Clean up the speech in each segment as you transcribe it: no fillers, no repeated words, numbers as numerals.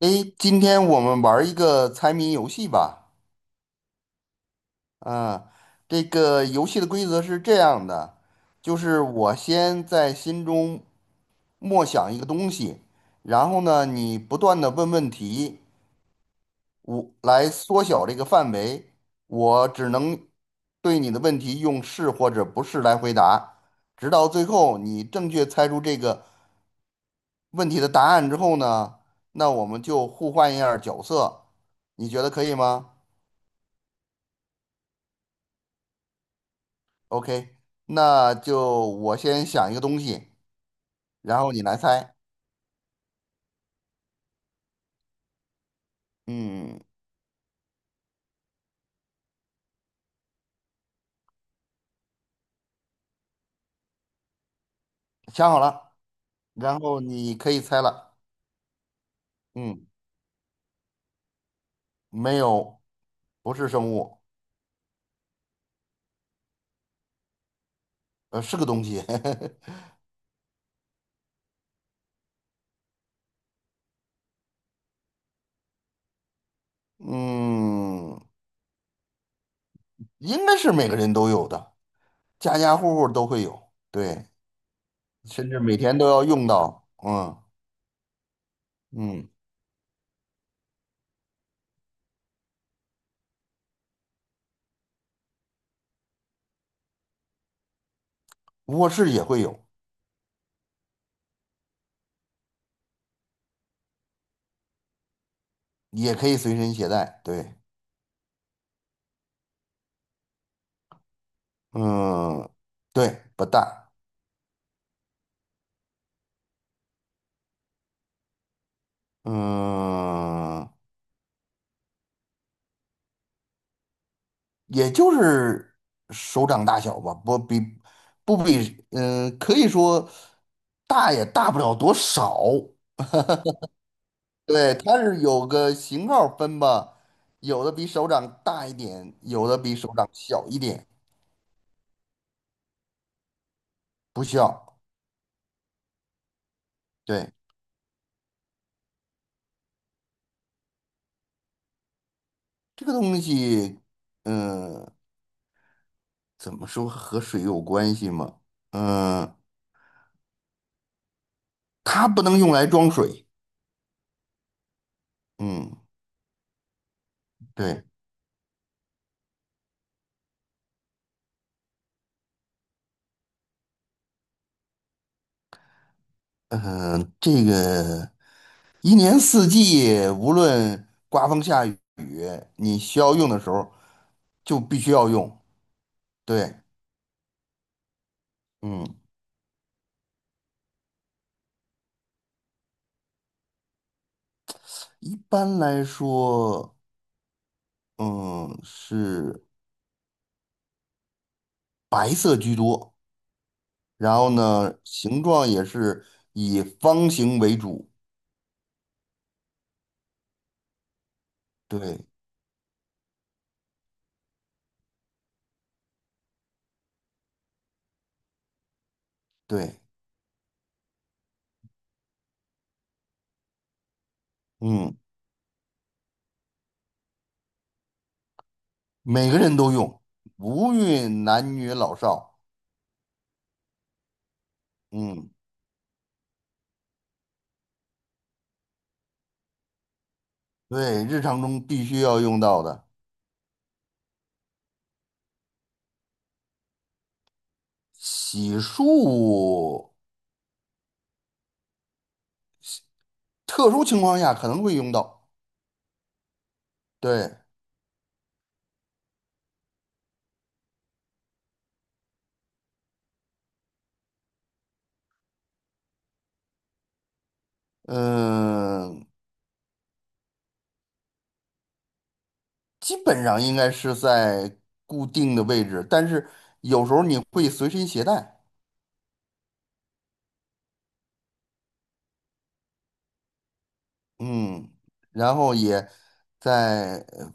诶，今天我们玩儿一个猜谜游戏吧。啊，这个游戏的规则是这样的，就是我先在心中默想一个东西，然后呢，你不断的问问题，我来缩小这个范围。我只能对你的问题用是或者不是来回答，直到最后你正确猜出这个问题的答案之后呢，那我们就互换一下儿角色，你觉得可以吗？OK，那就我先想一个东西，然后你来猜。嗯，想好了，然后你可以猜了。嗯，没有，不是生物，是个东西。嗯，应该是每个人都有的，家家户户都会有，对，甚至每天都要用到。嗯嗯，卧室也会有，也可以随身携带。对，嗯，对，不大。嗯，也就是手掌大小吧，不比，可以说大也大不了多少。对，它是有个型号分吧，有的比手掌大一点，有的比手掌小一点，不小。对，这个东西，嗯、怎么说和水有关系吗？嗯、它不能用来装水。嗯，对，嗯、这个。一年四季，无论刮风下雨，你需要用的时候就必须要用。对，嗯，一般来说，嗯，是白色居多，然后呢，形状也是以方形为主。对对，嗯，每个人都用，无论男女老少。嗯，对，日常中必须要用到的，洗漱，特殊情况下可能会用到。对，嗯，基本上应该是在固定的位置，但是有时候你会随身携带，嗯，然后也在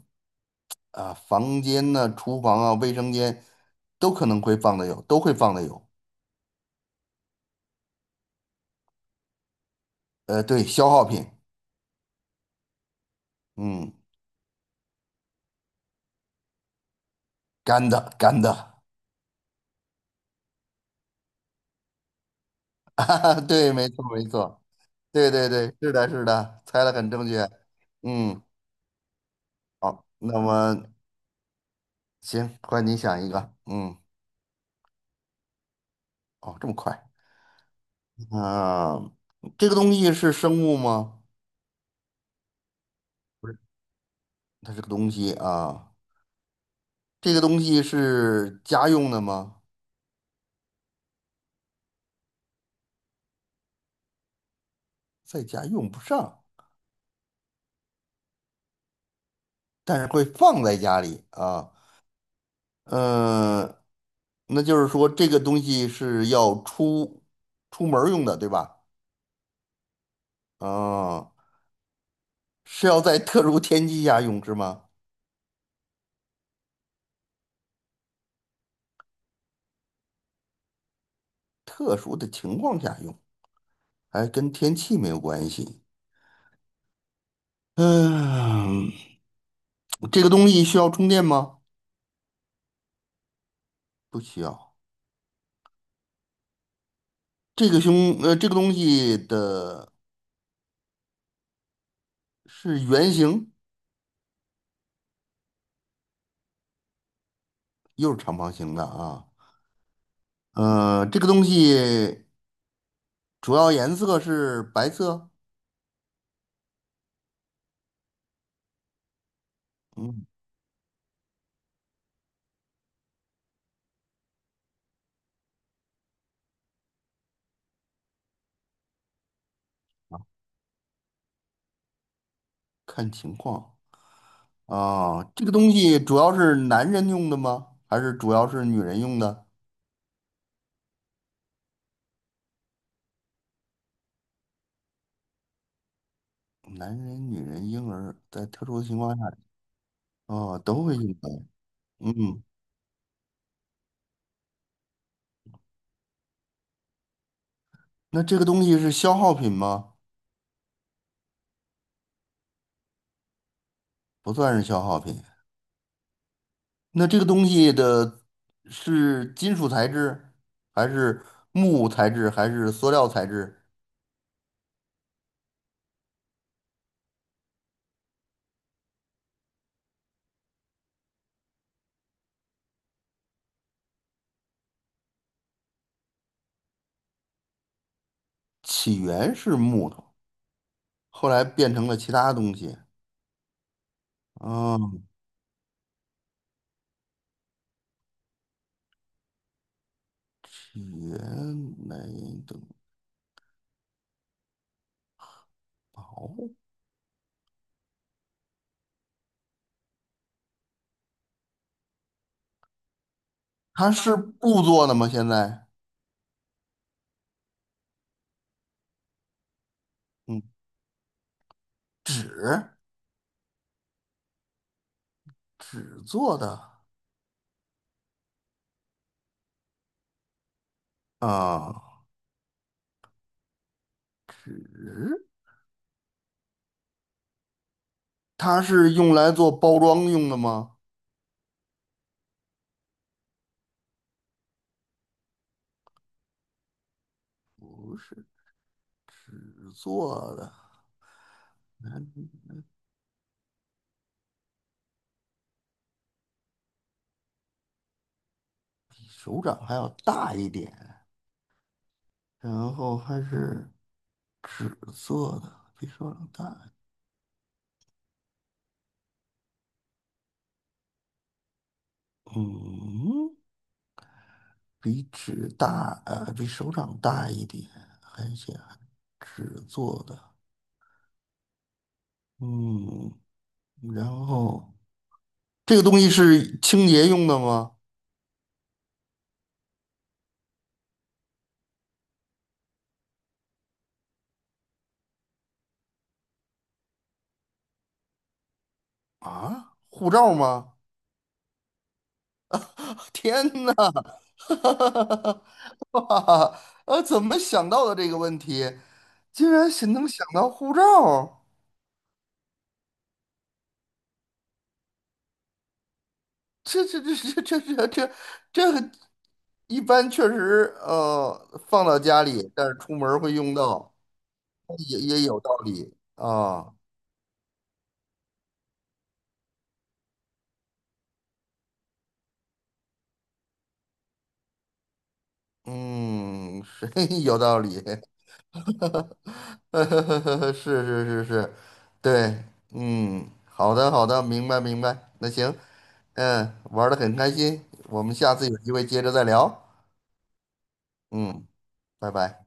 啊房间呢、厨房啊、卫生间都可能会放的有，都会放的有。对，消耗品，嗯，干的，啊对，没错没错，对对对，是的是的，猜的很正确，嗯，好，那么行，换你想一个，嗯，哦，这么快。啊，这个东西是生物吗？不是，它是个东西啊。这个东西是家用的吗？在家用不上，但是会放在家里啊。嗯、那就是说这个东西是要出门儿用的，对吧？啊，是要在特殊天气下用是吗？特殊的情况下用，还跟天气没有关系。嗯，这个东西需要充电吗？不需要。这个胸呃这个东西的是圆形，又是长方形的啊。这个东西主要颜色是白色，嗯，看情况啊。这个东西主要是男人用的吗？还是主要是女人用的？男人、女人、婴儿，在特殊情况下，哦，都会用到。嗯，那这个东西是消耗品吗？不算是消耗品。那这个东西的是金属材质，还是木材质，还是塑料材质？起源是木头，后来变成了其他东西。嗯，起源来等薄，它是布做的吗？现在，嗯，纸，纸做的啊，纸，它是用来做包装用的吗？纸做的，比手掌还要大一点，然后还是。纸做的，比手掌大，嗯，比纸大，比手掌大一点，还显纸做的，嗯，然后这个东西是清洁用的吗？啊，护照吗？天哪！哇，怎么想到的这个问题？竟然是能想到护照？这这这这这这这这个一般确实，放到家里，但是出门儿会用到，也有道理啊。嗯，是 有道理，是，对，嗯，好的好的，明白明白。那行，嗯，玩的很开心，我们下次有机会接着再聊。嗯，拜拜。